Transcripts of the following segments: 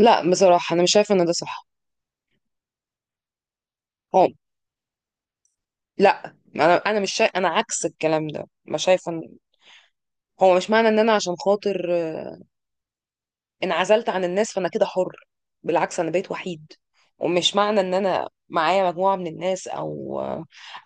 لا، بصراحة أنا مش شايفة إن ده صح. هو، لا أنا مش شايف، أنا عكس الكلام ده، مش شايفة إن هو. مش معنى إن أنا عشان خاطر انعزلت عن الناس فأنا كده حر. بالعكس، أنا بقيت وحيد. ومش معنى إن أنا معايا مجموعة من الناس أو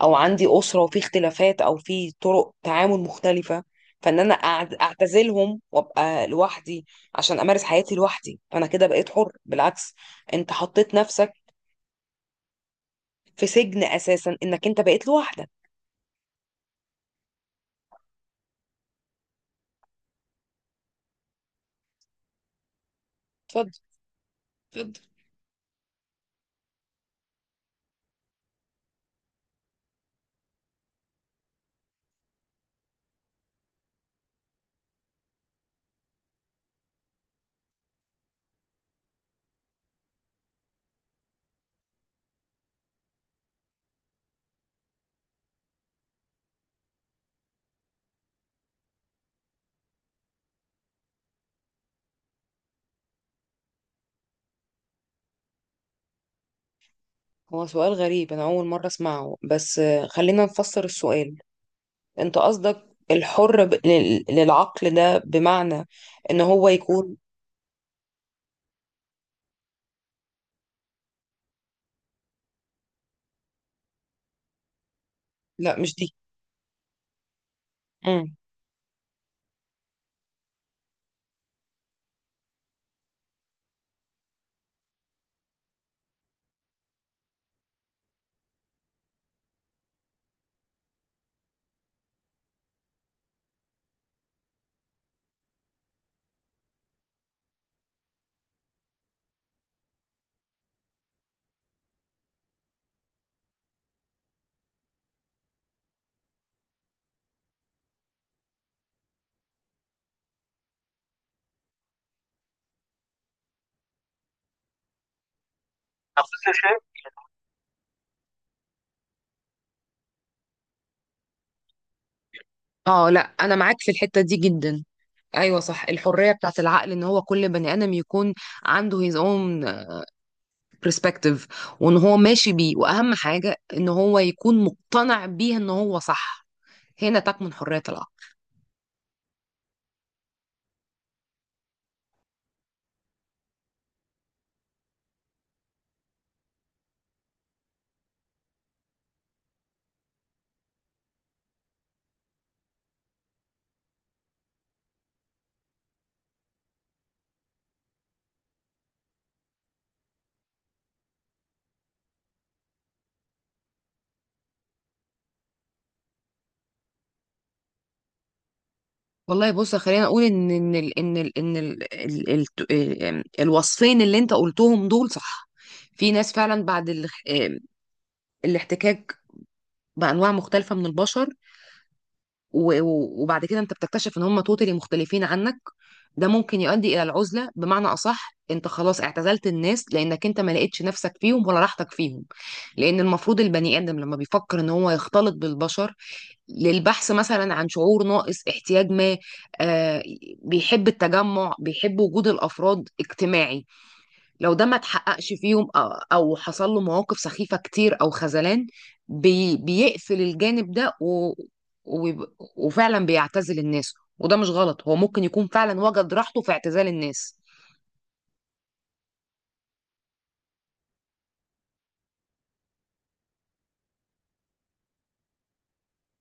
أو عندي أسرة وفي اختلافات أو في طرق تعامل مختلفة، فإن أنا أعتزلهم وأبقى لوحدي عشان أمارس حياتي لوحدي فأنا كده بقيت حر. بالعكس، أنت حطيت نفسك في سجن أساسا إنك أنت بقيت لوحدك. اتفضل، اتفضل. هو سؤال غريب، أنا أول مرة أسمعه، بس خلينا نفسر السؤال. أنت قصدك الحر للعقل ده بمعنى إن هو يكون. لا، مش دي. مم. تخصيص الشيء؟ اه، لا انا معاك في الحته دي جدا. ايوه صح، الحريه بتاعت العقل ان هو كل بني ادم يكون عنده his own perspective، وان هو ماشي بيه، واهم حاجه ان هو يكون مقتنع بيه ان هو صح. هنا تكمن حريه العقل. والله بص، خلينا اقول ان ان ال ان ال ان ال ال ال ال الوصفين اللي انت قلتهم دول صح. في ناس فعلا، بعد ال آمم، الاحتكاك بانواع مختلفه من البشر وبعد كده انت بتكتشف ان هم توتالي مختلفين عنك، ده ممكن يؤدي الى العزله. بمعنى اصح، انت خلاص اعتزلت الناس لانك انت ما لقيتش نفسك فيهم ولا راحتك فيهم. لان المفروض البني ادم لما بيفكر ان هو يختلط بالبشر للبحث مثلا عن شعور ناقص احتياج ما، آه، بيحب التجمع، بيحب وجود الافراد، اجتماعي. لو ده ما اتحققش فيهم، او حصل له مواقف سخيفة كتير او خذلان، بيقفل الجانب ده، وبيب- وفعلا بيعتزل الناس. وده مش غلط، هو ممكن يكون فعلا وجد راحته في اعتزال الناس.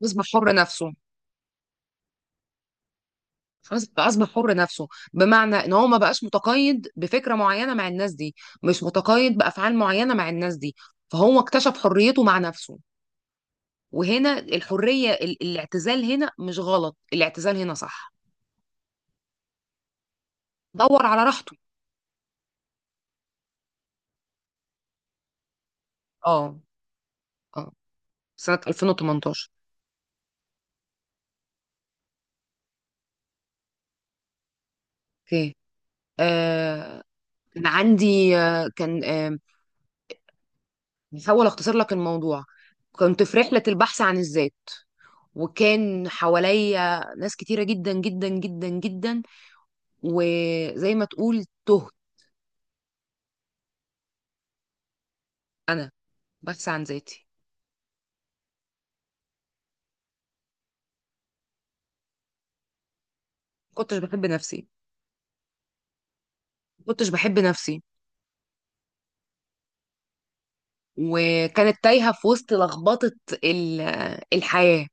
يصبح حر نفسه، فاصبح حر نفسه، بمعنى ان هو ما بقاش متقيد بفكره معينه مع الناس دي، مش متقيد بافعال معينه مع الناس دي، فهو اكتشف حريته مع نفسه. وهنا الحريه الاعتزال هنا مش غلط، الاعتزال هنا صح. دور على راحته. اه، اه، سنه 2018. اوكي، آه، كان عندي، آه كان آه بحاول اختصر لك الموضوع. كنت في رحله البحث عن الذات، وكان حواليا ناس كتيرة جدا جدا جدا جدا، وزي ما تقول، تهت. انا بس عن ذاتي. ما كنتش بحب نفسي. ما كنتش بحب نفسي. وكانت تايهه في وسط لخبطه ال- الحياه،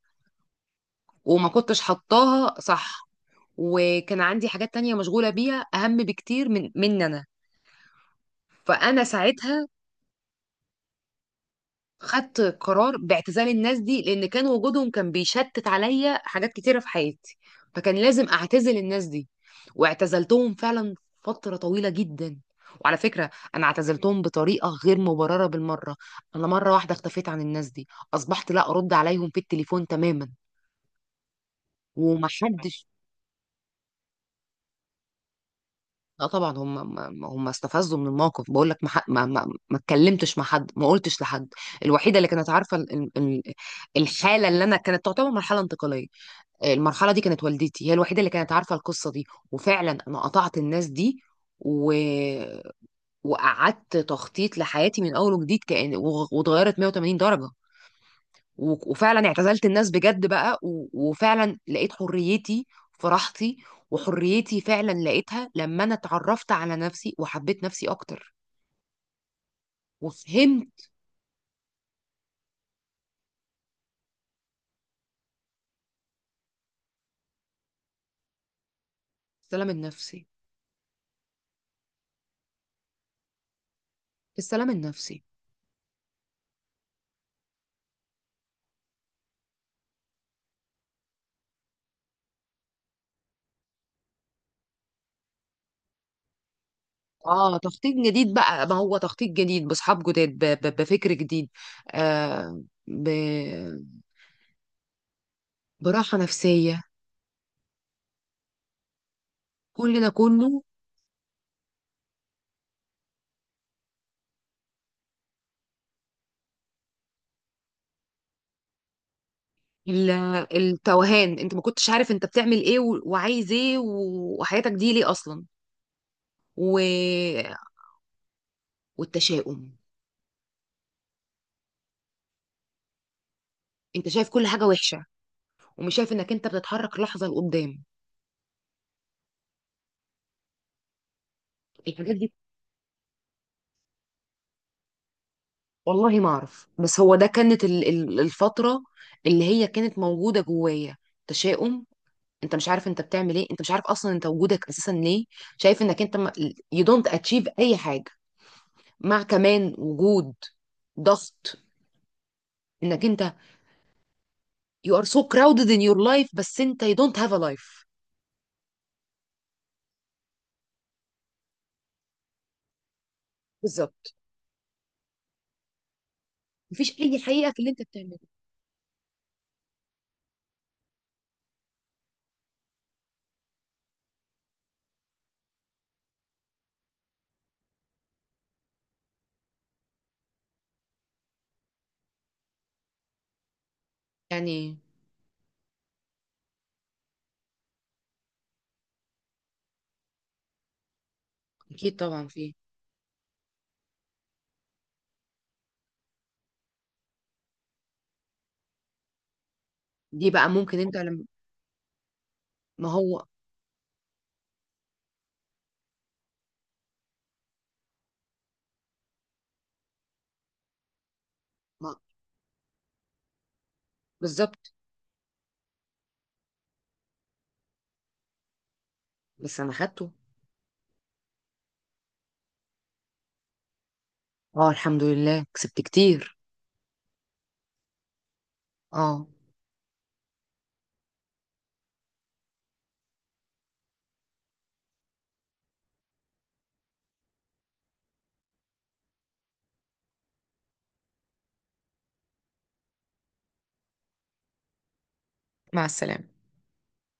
وما كنتش حطاها صح، وكان عندي حاجات تانية مشغوله بيها اهم بكتير من انا. فانا ساعتها خدت قرار باعتزال الناس دي، لان كان وجودهم كان بيشتت عليا حاجات كتيره في حياتي، فكان لازم اعتزل الناس دي. واعتزلتهم فعلا فتره طويله جدا. وعلى فكره، انا اعتزلتهم بطريقه غير مبرره بالمره. انا مره واحده اختفيت عن الناس دي، اصبحت لا ارد عليهم في التليفون تماما. ومحدش، لا طبعا، هم استفزوا من الموقف. بقول لك ما اتكلمتش مع حد، ما قلتش لحد. الوحيده اللي كانت عارفه الحاله اللي انا كانت تعتبر مرحله انتقاليه، المرحله دي، كانت والدتي هي الوحيده اللي كانت عارفه القصه دي. وفعلا انا قطعت الناس دي، و... وقعدت تخطيط لحياتي من اول وجديد، كأن واتغيرت 180 درجه، وفعلا اعتزلت الناس بجد بقى، وفعلا لقيت حريتي في راحتي. وحريتي فعلا لقيتها لما انا اتعرفت على نفسي، وحبيت نفسي اكتر وفهمت. السلام النفسي. السلام النفسي. اه، تخطيط جديد بقى، ما هو تخطيط جديد، باصحاب جداد، بفكر جديد، آه ب... براحه نفسيه، كل ده كله. ال- التوهان، انت ما كنتش عارف انت بتعمل ايه، وعايز ايه، وحياتك دي ليه اصلا، و... والتشاؤم. انت شايف كل حاجه وحشه، ومش شايف انك انت بتتحرك لحظه لقدام. الحاجات دي، والله ما اعرف، بس هو ده كانت الفتره اللي هي كانت موجوده جوايا. تشاؤم، انت مش عارف انت بتعمل ايه، انت مش عارف اصلا انت وجودك اساسا ليه، شايف انك انت، يو دونت اتشيف اي حاجه، مع كمان وجود ضغط، انك انت، يو ار سو كراودد ان يور لايف، بس انت يو دونت هاف ا لايف. بالظبط. مفيش اي حقيقه في اللي انت بتعمله. يعني اكيد طبعا في. دي بقى ممكن انت لما. ما هو ما. بالظبط. بس انا خدته. اه، الحمد لله، كسبت كتير. اه، مع السلامه.